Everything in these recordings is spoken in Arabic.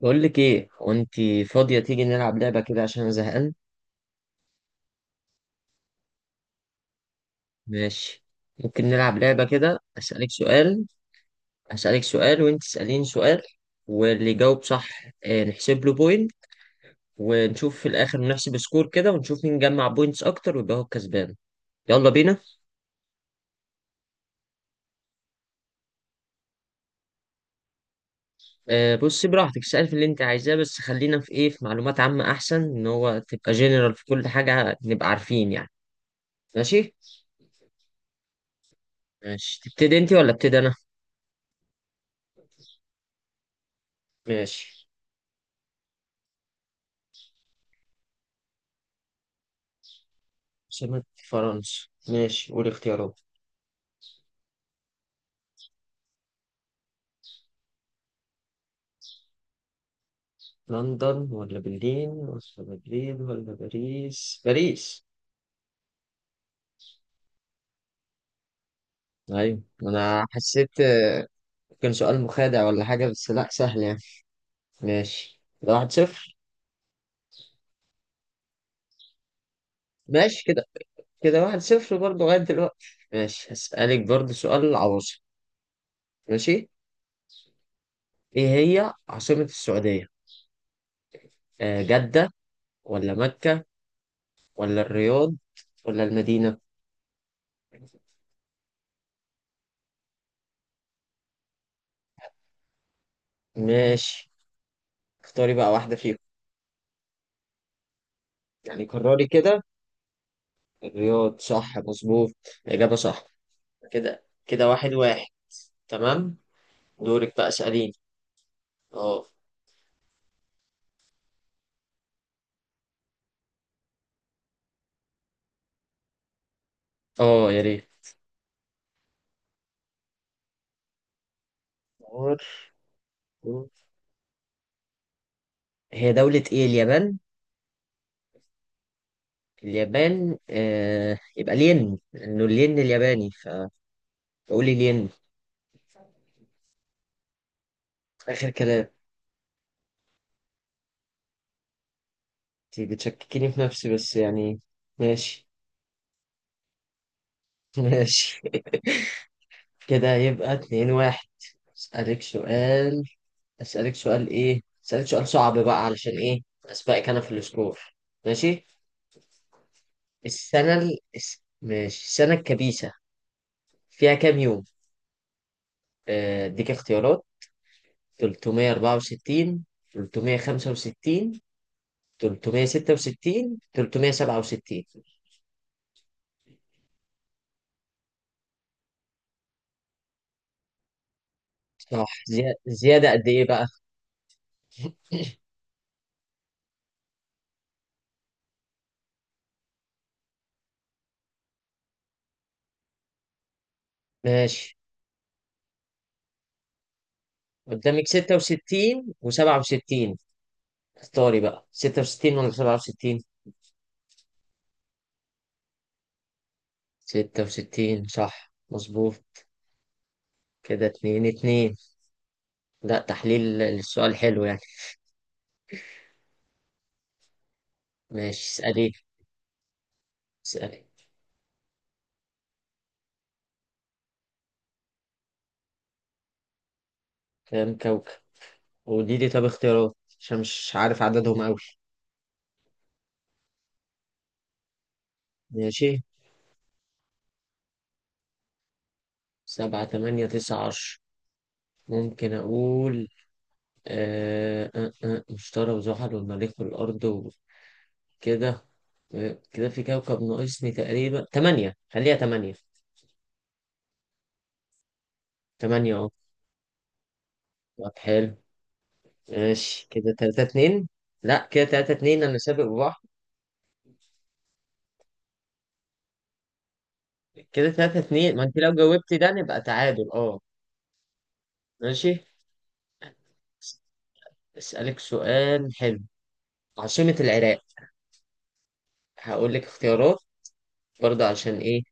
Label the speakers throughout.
Speaker 1: بقول لك ايه وانت فاضية تيجي نلعب لعبة كده عشان انا زهقان. ماشي. ممكن نلعب لعبة كده اسألك سؤال. اسألك سؤال وانت تسأليني سؤال، واللي يجاوب صح نحسب له بوينت. ونشوف في الاخر نحسب سكور كده، ونشوف مين جمع بوينتس اكتر ويبقى هو الكسبان. يلا بينا. بصي براحتك، اسألي في اللي انت عايزاه، بس خلينا في ايه، في معلومات عامة، احسن ان هو تبقى جنرال في كل حاجة نبقى عارفين يعني. ماشي. ماشي، تبتدي انت ولا ابتدي انا؟ ماشي. عاصمة فرنسا، ماشي قول اختيارات. لندن ولا برلين ولا مدريد ولا باريس؟ باريس. أيوة، أنا حسيت. كان سؤال مخادع ولا حاجة، بس لأ سهل يعني. ماشي، ده واحد صفر. ماشي، كده كده واحد صفر برضه لغاية دلوقتي. ماشي، هسألك برضه سؤال عواصم. ماشي. إيه هي عاصمة السعودية؟ آه، جدة ولا مكة ولا الرياض ولا المدينة؟ ماشي. اختاري بقى واحدة فيهم. يعني قرري كده. الرياض صح مظبوط. إجابة صح. كده كده واحد واحد. تمام. دورك بقى، اسأليني. اه. اه يا ريت. دور. هي دولة ايه اليابان؟ اليابان، آه يبقى الين لأنه الين الياباني، فقولي الين. آخر كلام. انتي بتشككيني في نفسي بس يعني. ماشي. ماشي. كده يبقى اتنين واحد. أسألك سؤال. أسألك سؤال ايه؟ أسألك سؤال صعب بقى علشان ايه؟ أسبقك أنا في السكور. ماشي؟ السنة ماشي، السنة الكبيسة فيها كام يوم؟ اديك اختيارات. 364، 365، 366، 367. صح زيادة قد ايه بقى؟ ماشي. قدامك 66 و67. اختاري بقى 66 ولا 67. 66 صح مظبوط. كده اتنين اتنين. لا، تحليل للسؤال حلو يعني. ماشي، اسألي. اسألي كام كوكب، ودي دي طب اختيارات عشان مش عارف عددهم أوي. ماشي. سبعة تمانية تسعة عشر؟ ممكن أقول. مشتري وزحل والمريخ والأرض وكده. آه، كده في كوكب ناقصني تقريبا، تمانية، خليها تمانية. تمانية أهو. طب حلو. ماشي، كده تلاتة اتنين. لأ، كده تلاتة اتنين، أنا سابق بواحد. كده تلاتة اتنين، ما أنت لو جاوبتي ده نبقى تعادل، أه. ماشي. أس- أسألك سؤال حلو. عاصمة العراق. هقول لك اختيارات برضه عشان إيه،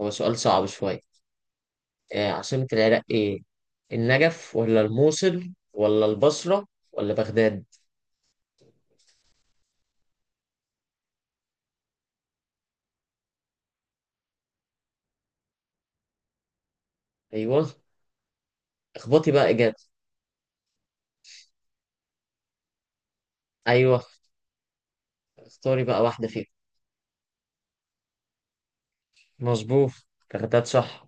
Speaker 1: هو سؤال صعب شوية. عاصمة العراق إيه؟ النجف ولا الموصل ولا البصرة ولا بغداد؟ أيوه. اخبطي بقى إجابة. أيوه. اختاري بقى واحدة فيهم. مظبوط، بغداد صح.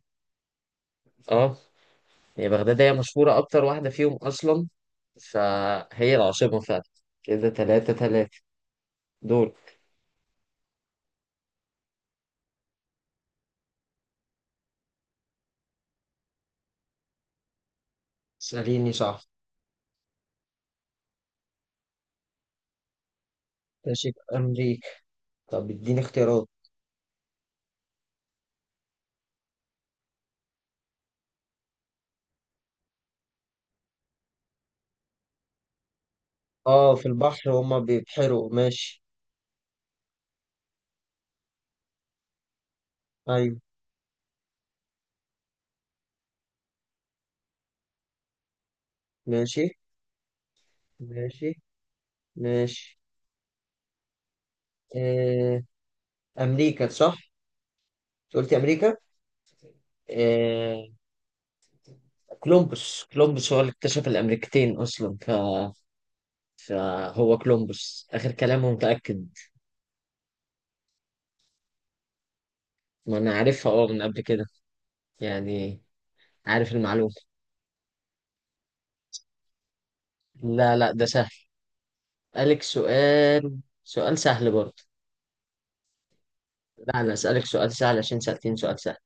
Speaker 1: أه. هي بغداد هي مشهورة أكتر واحدة فيهم أصلا، فهي العاصمة فعلا. كده تلاتة تلاتة دول. اسأليني صح. ماشي، أمريكا. طب اديني اختيارات. اه في البحر هما بيبحروا، ماشي. أيوه. ماشي. ماشي. ماشي. آه، أمريكا صح؟ أنت قلت أمريكا؟ آه، كولومبوس هو اللي اكتشف الأمريكتين أصلا، فهو كولومبوس، آخر كلامه، متأكد. ما أنا عارفها أه من قبل كده يعني، عارف المعلومة. لا لا، ده سهل. أسألك سؤال، سؤال سهل برضه. لا، أنا أسألك سؤال سهل عشان سألتين سؤال سهل.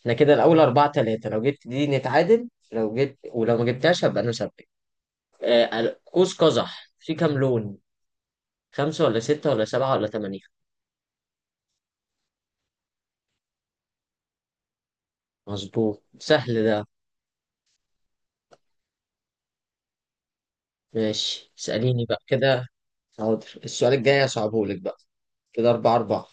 Speaker 1: إحنا كده الأول أربعة تلاتة، لو جبت دي نتعادل، لو جبت ولو ما جبتهاش هبقى أنا سبت. قوس قزح في كام لون؟ خمسة ولا ستة ولا سبعة ولا تمانية؟ مظبوط، سهل ده. ماشي، اسأليني بقى كده. حاضر، السؤال الجاي هصعبهولك بقى. كده أربعة أربعة.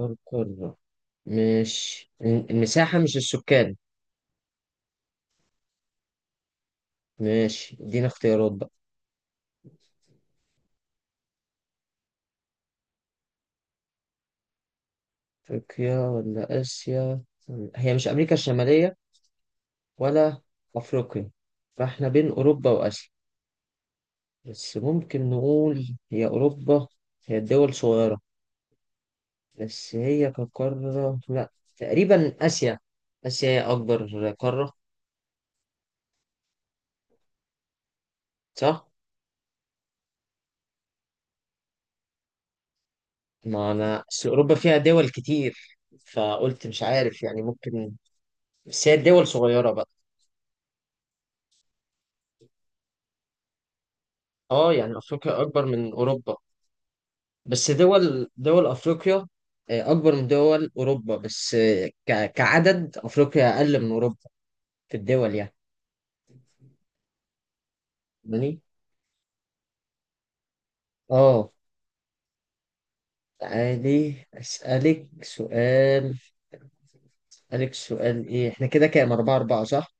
Speaker 1: القارة، ماشي، المساحة مش السكان. ماشي، ادينا اختيارات بقى. أفريقيا ولا آسيا؟ هي مش أمريكا الشمالية، ولا أفريقيا. فاحنا بين أوروبا وآسيا، بس ممكن نقول هي أوروبا، هي الدول صغيرة، بس هي كقارة لا. تقريبا آسيا، آسيا هي أكبر قارة. صح؟ ما أنا أصل أوروبا فيها دول كتير، فقلت مش عارف يعني ممكن. بس هي الدول صغيرة بقى. أه، يعني أفريقيا أكبر من أوروبا بس دول أفريقيا أكبر من دول أوروبا، بس كعدد أفريقيا أقل من أوروبا، في الدول يعني. فاهماني؟ أه. تعالي أسألك سؤال. أسألك سؤال إيه، إحنا كده كام، أربعة أربعة صح؟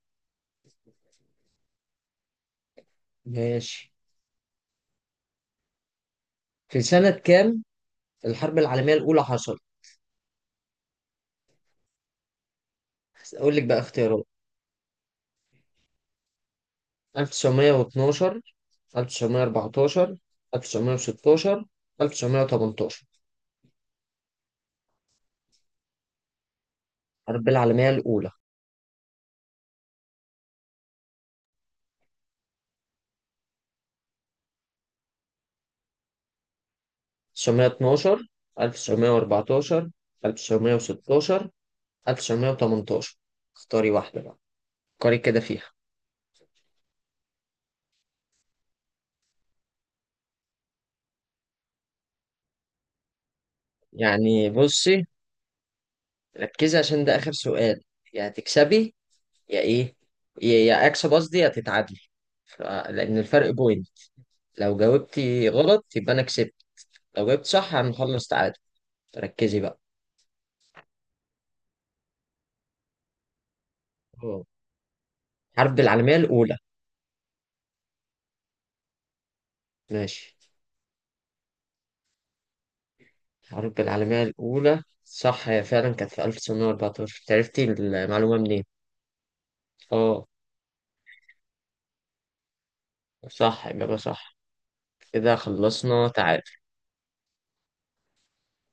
Speaker 1: ماشي. في سنة كام الحرب العالمية الأولى حصلت؟ أقول لك بقى اختيارات. 1912، 1914، 1916، 1918. الحرب العالمية الأولى. 1912، 1914، 1916، 1918. اختاري واحدة بقى، فكري كده فيها. يعني بصي، ركزي عشان ده آخر سؤال. يا هتكسبي يا إيه، يا أكسب قصدي، يا تتعادلي. لأن الفرق بوينت، لو جاوبتي غلط يبقى أنا كسبت، لو جبت صح هنخلص تعادل. ركزي بقى. اه. حرب العالمية الأولى. ماشي. الحرب العالمية الأولى صح، هي فعلا كانت في 1914. عرفتي المعلومة منين؟ اه. صح يبقى صح. كده خلصنا تعادل.